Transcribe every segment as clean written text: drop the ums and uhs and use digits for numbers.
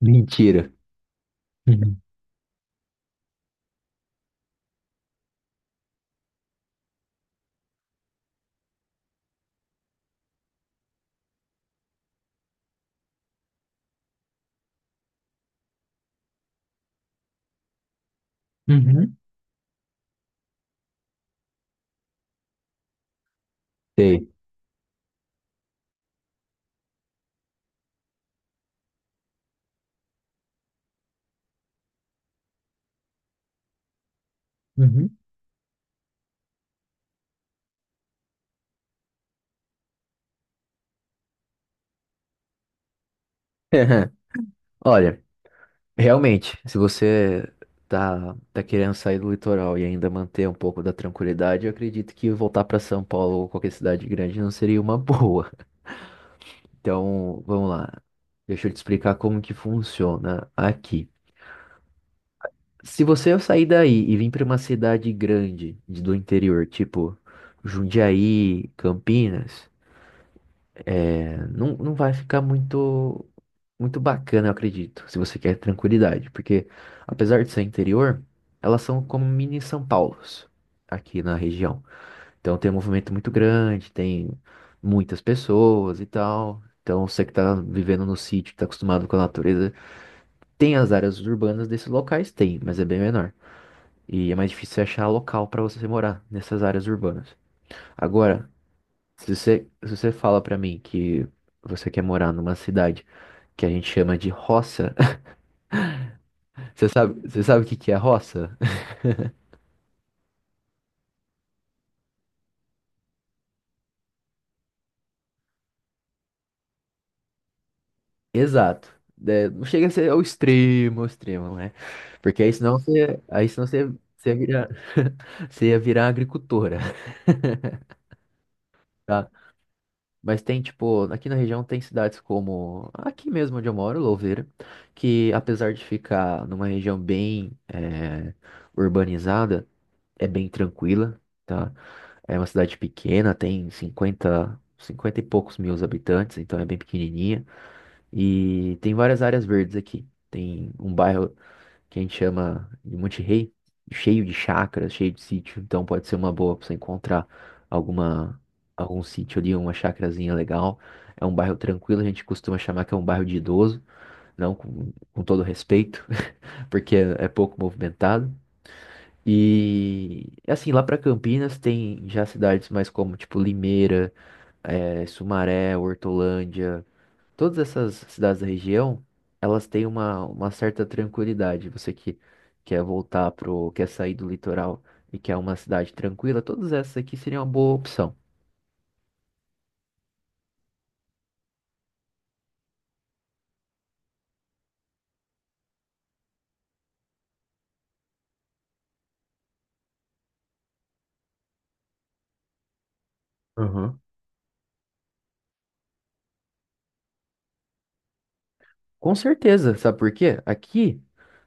Mentira. Uhum. Uhum. Sei. Uhum. Olha, realmente, se você tá querendo sair do litoral e ainda manter um pouco da tranquilidade, eu acredito que voltar para São Paulo ou qualquer cidade grande não seria uma boa. Então, vamos lá. Deixa eu te explicar como que funciona aqui. Se você sair daí e vir para uma cidade grande do interior, tipo Jundiaí, Campinas. Não, não vai ficar muito bacana, eu acredito, se você quer tranquilidade, porque, apesar de ser interior, elas são como mini São Paulos aqui na região. Então tem um movimento muito grande, tem muitas pessoas e tal. Então, você que tá vivendo no sítio, que tá acostumado com a natureza, tem as áreas urbanas desses locais, tem, mas é bem menor. E é mais difícil você achar local para você morar nessas áreas urbanas. Agora, se você fala pra mim que você quer morar numa cidade que a gente chama de roça, você sabe o que que é roça? Exato. É, não chega a ser ao extremo, né? Porque aí senão você, você ia virar, você ia virar agricultora, tá? Mas tem, tipo, aqui na região tem cidades como aqui mesmo onde eu moro, Louveira, que apesar de ficar numa região bem urbanizada, é bem tranquila, tá? É uma cidade pequena, tem 50, 50 e poucos mil habitantes, então é bem pequenininha. E tem várias áreas verdes aqui. Tem um bairro que a gente chama de Monte Rei, cheio de chácaras, cheio de sítio, então pode ser uma boa para você encontrar alguma, algum sítio ali, uma chacrazinha legal. É um bairro tranquilo, a gente costuma chamar que é um bairro de idoso, não, com todo respeito, porque é pouco movimentado. E assim, lá pra Campinas tem já cidades mais como tipo Limeira, Sumaré, Hortolândia, todas essas cidades da região, elas têm uma certa tranquilidade. Você que quer sair do litoral e quer uma cidade tranquila, todas essas aqui seriam uma boa opção. Com certeza, sabe por quê? Aqui,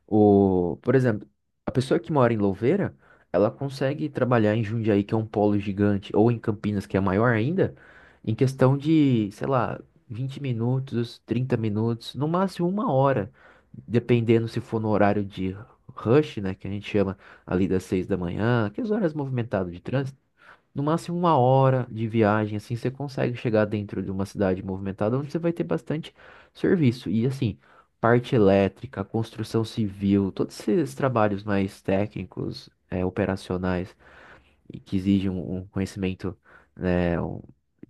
o, por exemplo, a pessoa que mora em Louveira, ela consegue trabalhar em Jundiaí, que é um polo gigante, ou em Campinas, que é maior ainda, em questão de, sei lá, 20 minutos, 30 minutos, no máximo uma hora, dependendo se for no horário de rush, né, que a gente chama ali das 6 da manhã, aquelas horas movimentadas de trânsito. No máximo uma hora de viagem, assim, você consegue chegar dentro de uma cidade movimentada onde você vai ter bastante serviço. E assim, parte elétrica, construção civil, todos esses trabalhos mais técnicos, é, operacionais, e que exigem um conhecimento, né,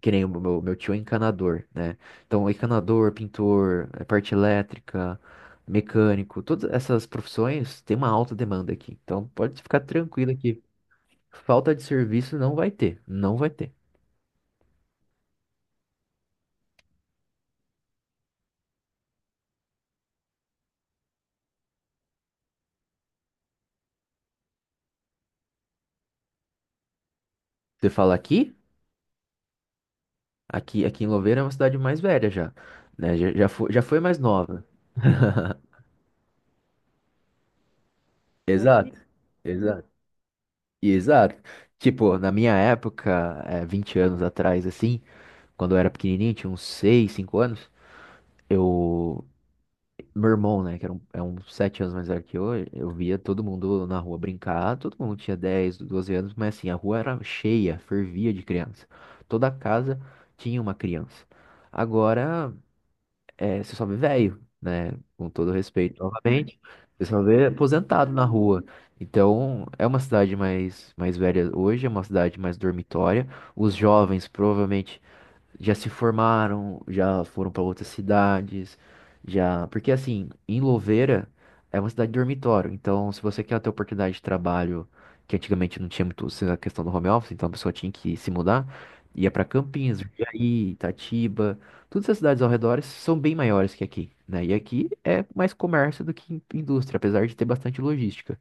que nem o meu tio é encanador, né? Então, encanador, pintor, é, parte elétrica, mecânico, todas essas profissões têm uma alta demanda aqui. Então, pode ficar tranquilo que falta de serviço não vai ter, não vai ter. Você fala Aqui, Aqui em Louveira é uma cidade mais velha já, né? Já, já foi mais nova. Exato, exato, exato. Tipo, na minha época, é, 20 anos atrás, assim, quando eu era pequenininho, tinha uns 6, 5 anos, eu... Meu irmão, né, que era é uns 7 anos mais velho que eu via todo mundo na rua brincar, todo mundo tinha 10, 12 anos, mas assim, a rua era cheia, fervia de criança. Toda casa tinha uma criança. Agora, é, você só vê velho, né? Com todo respeito, novamente. Você só vê aposentado na rua. Então, é uma cidade mais velha hoje, é uma cidade mais dormitória. Os jovens provavelmente já se formaram, já foram para outras cidades, já. Porque assim, em Louveira é uma cidade de dormitório, então, se você quer ter oportunidade de trabalho, que antigamente não tinha muito essa questão do home office, então a pessoa tinha que se mudar, ia para Campinas, Jundiaí, Itatiba, todas essas cidades ao redor são bem maiores que aqui, né? E aqui é mais comércio do que indústria, apesar de ter bastante logística.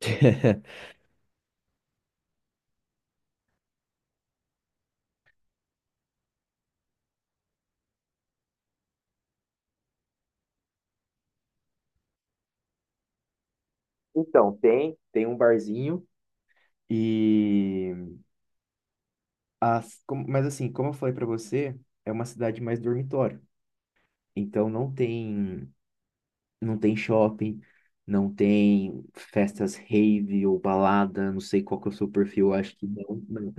Então, tem um barzinho e... As, mas assim, como eu falei pra você, é uma cidade mais dormitório. Então, não tem, não tem shopping, não tem festas rave ou balada, não sei qual que é o seu perfil, acho que não, não.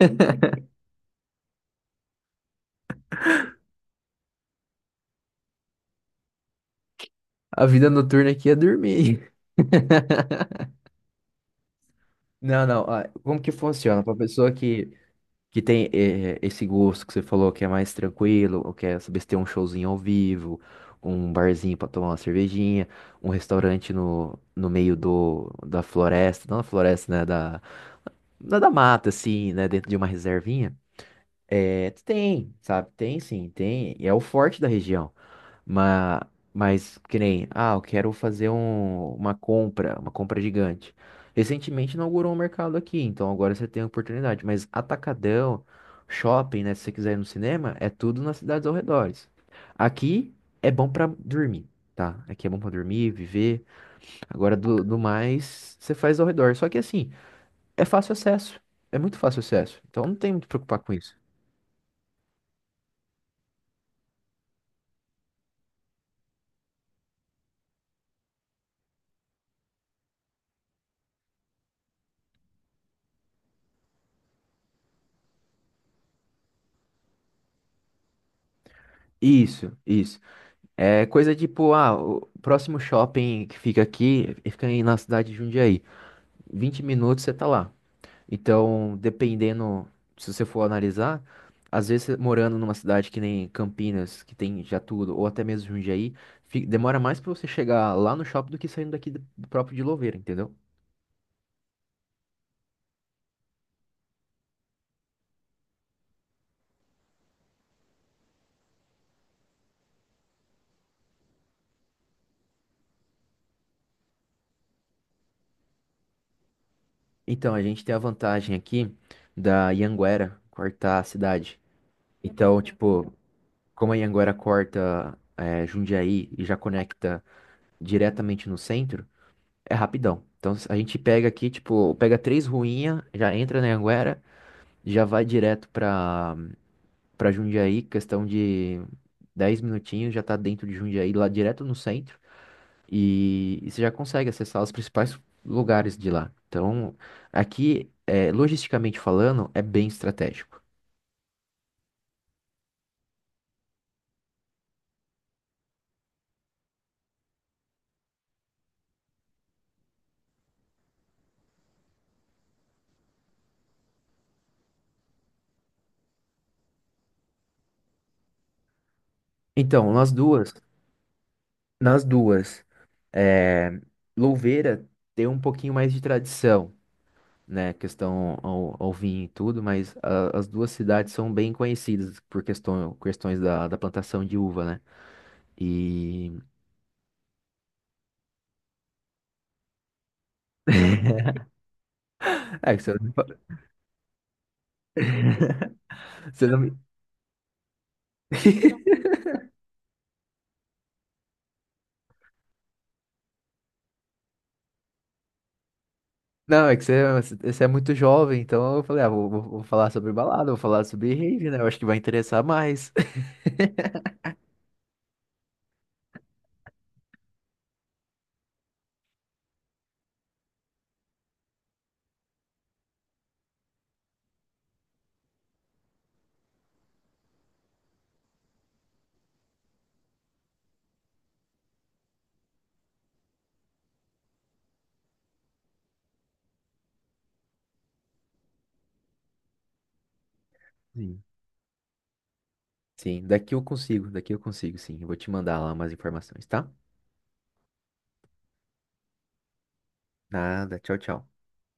A vida noturna aqui é dormir. Não, não, ah, como que funciona? Pra pessoa que... Que tem esse gosto que você falou que é mais tranquilo, ou quer saber se tem um showzinho ao vivo, um barzinho pra tomar uma cervejinha, um restaurante no meio da floresta, não da floresta, né? Da mata, assim, né? Dentro de uma reservinha. É, tem, sabe? Tem sim, tem. E é o forte da região. Mas, mas que nem, ah, eu quero fazer uma compra gigante. Recentemente inaugurou um mercado aqui, então agora você tem a oportunidade. Mas atacadão, shopping, né? Se você quiser ir no cinema, é tudo nas cidades ao redor. Aqui é bom pra dormir, tá? Aqui é bom pra dormir, viver. Agora do mais, você faz ao redor. Só que assim, é fácil acesso. É muito fácil acesso. Então, não tem muito que preocupar com isso. Isso, isso. É coisa tipo, ah, o próximo shopping que fica aqui, fica aí na cidade de Jundiaí. 20 minutos você tá lá. Então, dependendo, se você for analisar, às vezes você morando numa cidade que nem Campinas, que tem já tudo, ou até mesmo Jundiaí, demora mais pra você chegar lá no shopping do que saindo daqui do próprio de Louveira, entendeu? Então, a gente tem a vantagem aqui da Ianguera cortar a cidade. Então, tipo, como a Ianguera corta Jundiaí e já conecta diretamente no centro, é rapidão. Então, a gente pega aqui, tipo, pega três ruinhas, já entra na Anguera, já vai direto pra Jundiaí, questão de 10 minutinhos, já tá dentro de Jundiaí, lá direto no centro, e você já consegue acessar os principais lugares de lá. Então, aqui, é, logisticamente falando, é bem estratégico. Então, nas duas, é, Louveira tem um pouquinho mais de tradição, né, questão ao vinho e tudo, mas as duas cidades são bem conhecidas por questões da plantação de uva, né? E... É que você você Não, é que você, você é muito jovem, então eu falei, ah, vou falar sobre balada, vou falar sobre rave, né? Eu acho que vai interessar mais. Sim, sim, daqui eu consigo, sim. Eu vou te mandar lá umas informações, tá? Nada, tchau, tchau.